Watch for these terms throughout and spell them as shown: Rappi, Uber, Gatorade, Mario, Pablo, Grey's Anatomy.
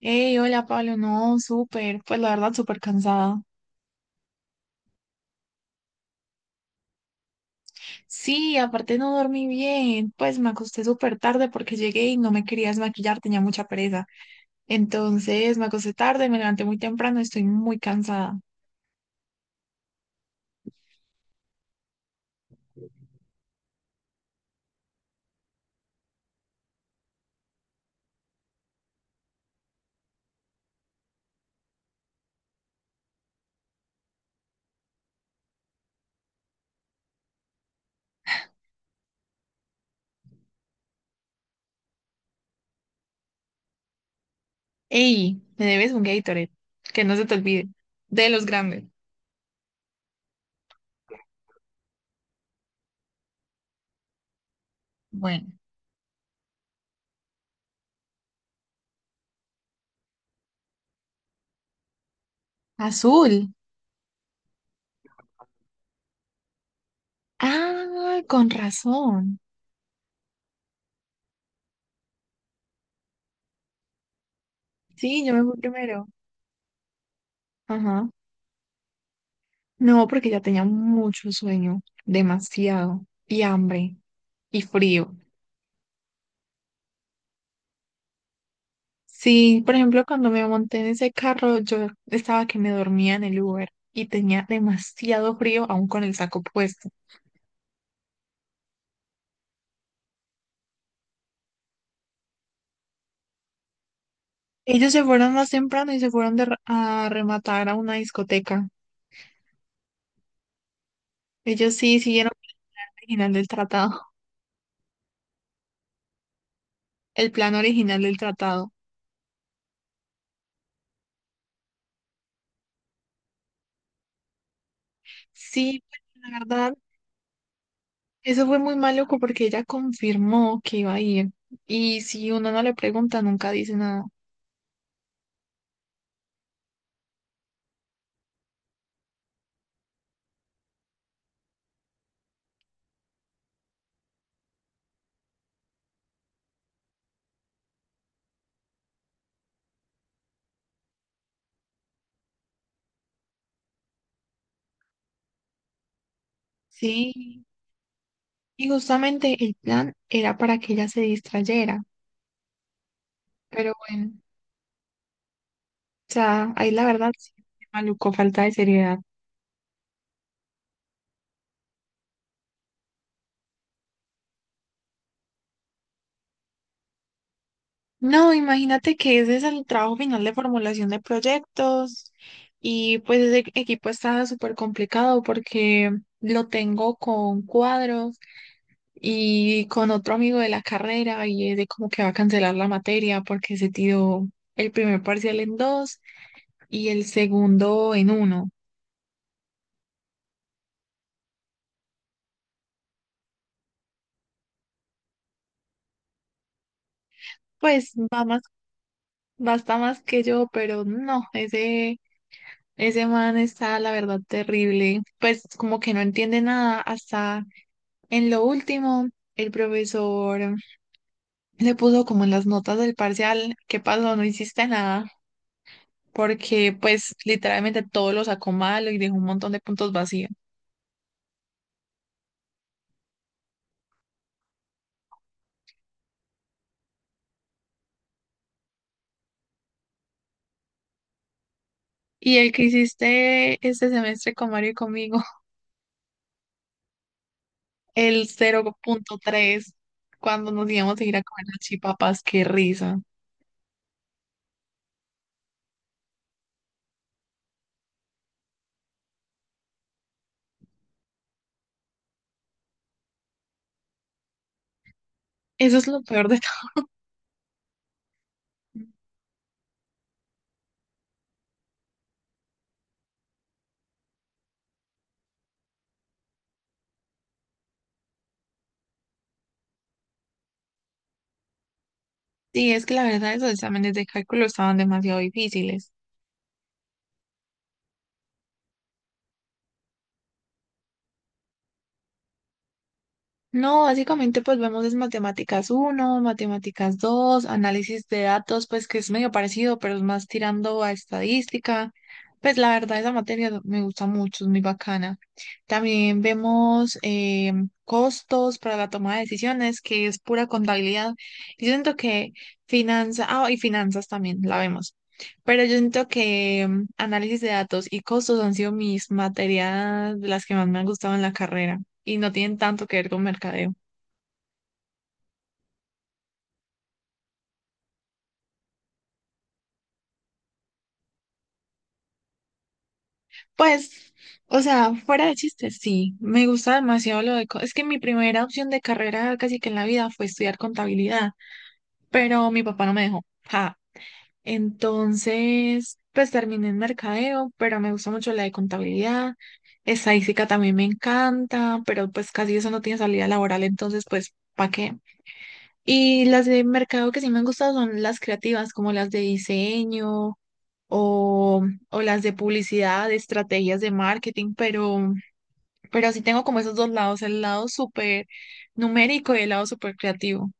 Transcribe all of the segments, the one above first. Hey, hola Pablo, no, súper, pues la verdad súper cansada. Sí, aparte no dormí bien, pues me acosté súper tarde porque llegué y no me quería desmaquillar, tenía mucha pereza. Entonces me acosté tarde, me levanté muy temprano, estoy muy cansada. Hey, me debes un Gatorade, que no se te olvide, de los grandes. Bueno, azul. Ah, con razón. Sí, yo me fui primero. Ajá. No, porque ya tenía mucho sueño, demasiado, y hambre, y frío. Sí, por ejemplo, cuando me monté en ese carro, yo estaba que me dormía en el Uber y tenía demasiado frío aún con el saco puesto. Ellos se fueron más temprano y se fueron a rematar a una discoteca. Ellos sí siguieron el original del tratado, el plan original del tratado. Sí, pues, la verdad, eso fue muy maluco porque ella confirmó que iba a ir. Y si uno no le pregunta, nunca dice nada. Sí, y justamente el plan era para que ella se distrayera. Pero bueno. O sea, ahí la verdad, sí, maluco, falta de seriedad. No, imagínate que ese es el trabajo final de formulación de proyectos y pues ese equipo está súper complicado porque lo tengo con cuadros y con otro amigo de la carrera y es de como que va a cancelar la materia porque se tiró el primer parcial en dos y el segundo en uno. Pues va más, basta más que yo, pero no, ese man está, la verdad, terrible. Pues como que no entiende nada. Hasta en lo último, el profesor le puso como en las notas del parcial, ¿qué pasó? No hiciste nada. Porque pues literalmente todo lo sacó malo y dejó un montón de puntos vacíos. Y el que hiciste este semestre con Mario y conmigo, el 0.3, cuando nos íbamos a ir a comer las chipapas, qué risa. Eso es lo peor de todo. Sí, es que la verdad esos exámenes de cálculo estaban demasiado difíciles. No, básicamente pues vemos es matemáticas uno, matemáticas dos, análisis de datos, pues que es medio parecido, pero es más tirando a estadística. Pues la verdad esa materia me gusta mucho, es muy bacana. También vemos costos para la toma de decisiones, que es pura contabilidad. Y yo siento que finanzas, ah, y finanzas también la vemos. Pero yo siento que análisis de datos y costos han sido mis materias de las que más me han gustado en la carrera y no tienen tanto que ver con mercadeo. Pues, o sea, fuera de chistes, sí, me gusta demasiado es que mi primera opción de carrera casi que en la vida fue estudiar contabilidad, pero mi papá no me dejó. Ja. Entonces, pues terminé en mercadeo, pero me gusta mucho la de contabilidad. Estadística también me encanta, pero pues casi eso no tiene salida laboral, entonces pues, ¿para qué? Y las de mercado que sí me han gustado son las creativas, como las de diseño, o, o las de publicidad, de estrategias de marketing, pero así tengo como esos dos lados, el lado súper numérico y el lado súper creativo.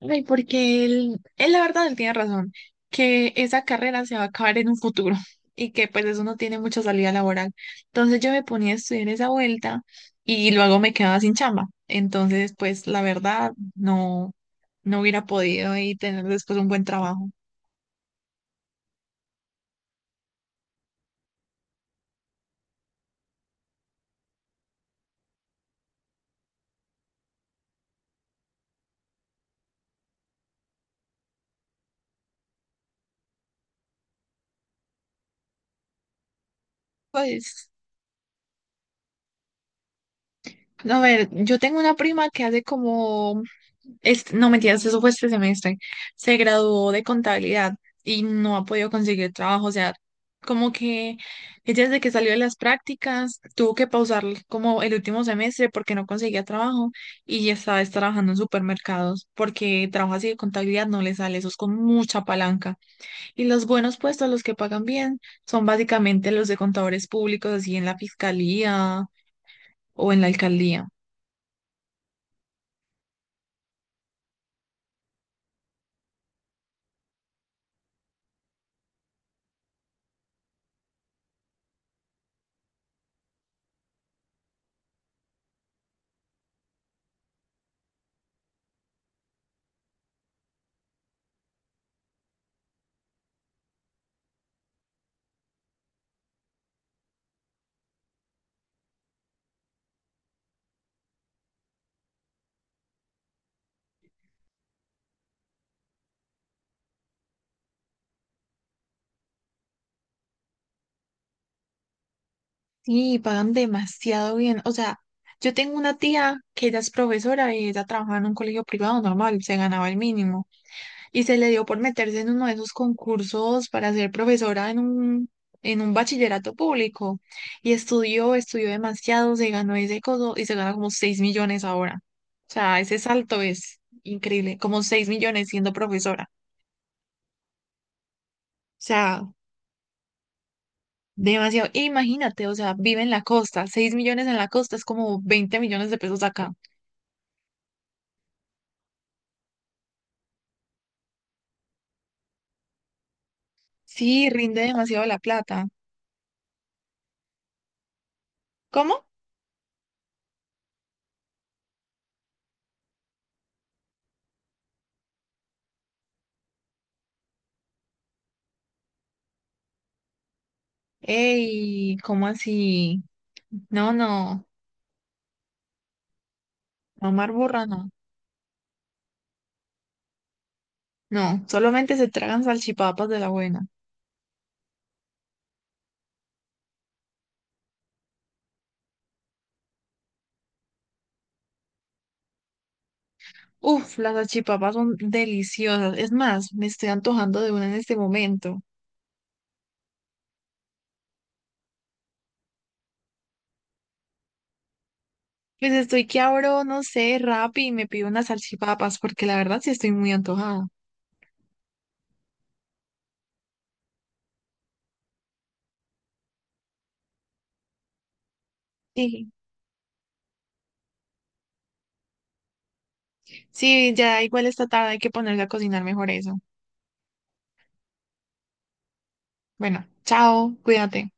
Ay, porque él la verdad, él tiene razón, que esa carrera se va a acabar en un futuro y que pues eso no tiene mucha salida laboral. Entonces yo me ponía a estudiar esa vuelta y luego me quedaba sin chamba. Entonces, pues la verdad, no, no hubiera podido y tener después un buen trabajo. Pues no, a ver, yo tengo una prima que hace como, este, no mentiras, eso fue este semestre, se graduó de contabilidad y no ha podido conseguir trabajo, o sea, como que ella desde que salió de las prácticas tuvo que pausar como el último semestre porque no conseguía trabajo y ya estaba es trabajando en supermercados porque trabajo así de contabilidad no le sale, eso es con mucha palanca. Y los buenos puestos, los que pagan bien, son básicamente los de contadores públicos, así en la fiscalía o en la alcaldía. Sí, pagan demasiado bien. O sea, yo tengo una tía que ella es profesora y ella trabajaba en un colegio privado normal, se ganaba el mínimo. Y se le dio por meterse en uno de esos concursos para ser profesora en un bachillerato público. Y estudió, estudió demasiado, se ganó ese coso y se gana como 6 millones ahora. O sea, ese salto es increíble, como 6 millones siendo profesora. O sea, demasiado. E imagínate, o sea, vive en la costa. 6 millones en la costa es como 20 millones de pesos acá. Sí, rinde demasiado la plata. ¿Cómo? Ey, ¿cómo así? No, no, no, burra, no. No, solamente se tragan salchipapas de la buena. Uf, las salchipapas son deliciosas. Es más, me estoy antojando de una en este momento. Pues estoy que abro, no sé, Rappi y me pido unas salchipapas, porque la verdad sí estoy muy antojada. Sí, sí, ya igual esta tarde hay que ponerse a cocinar mejor eso. Bueno, chao, cuídate.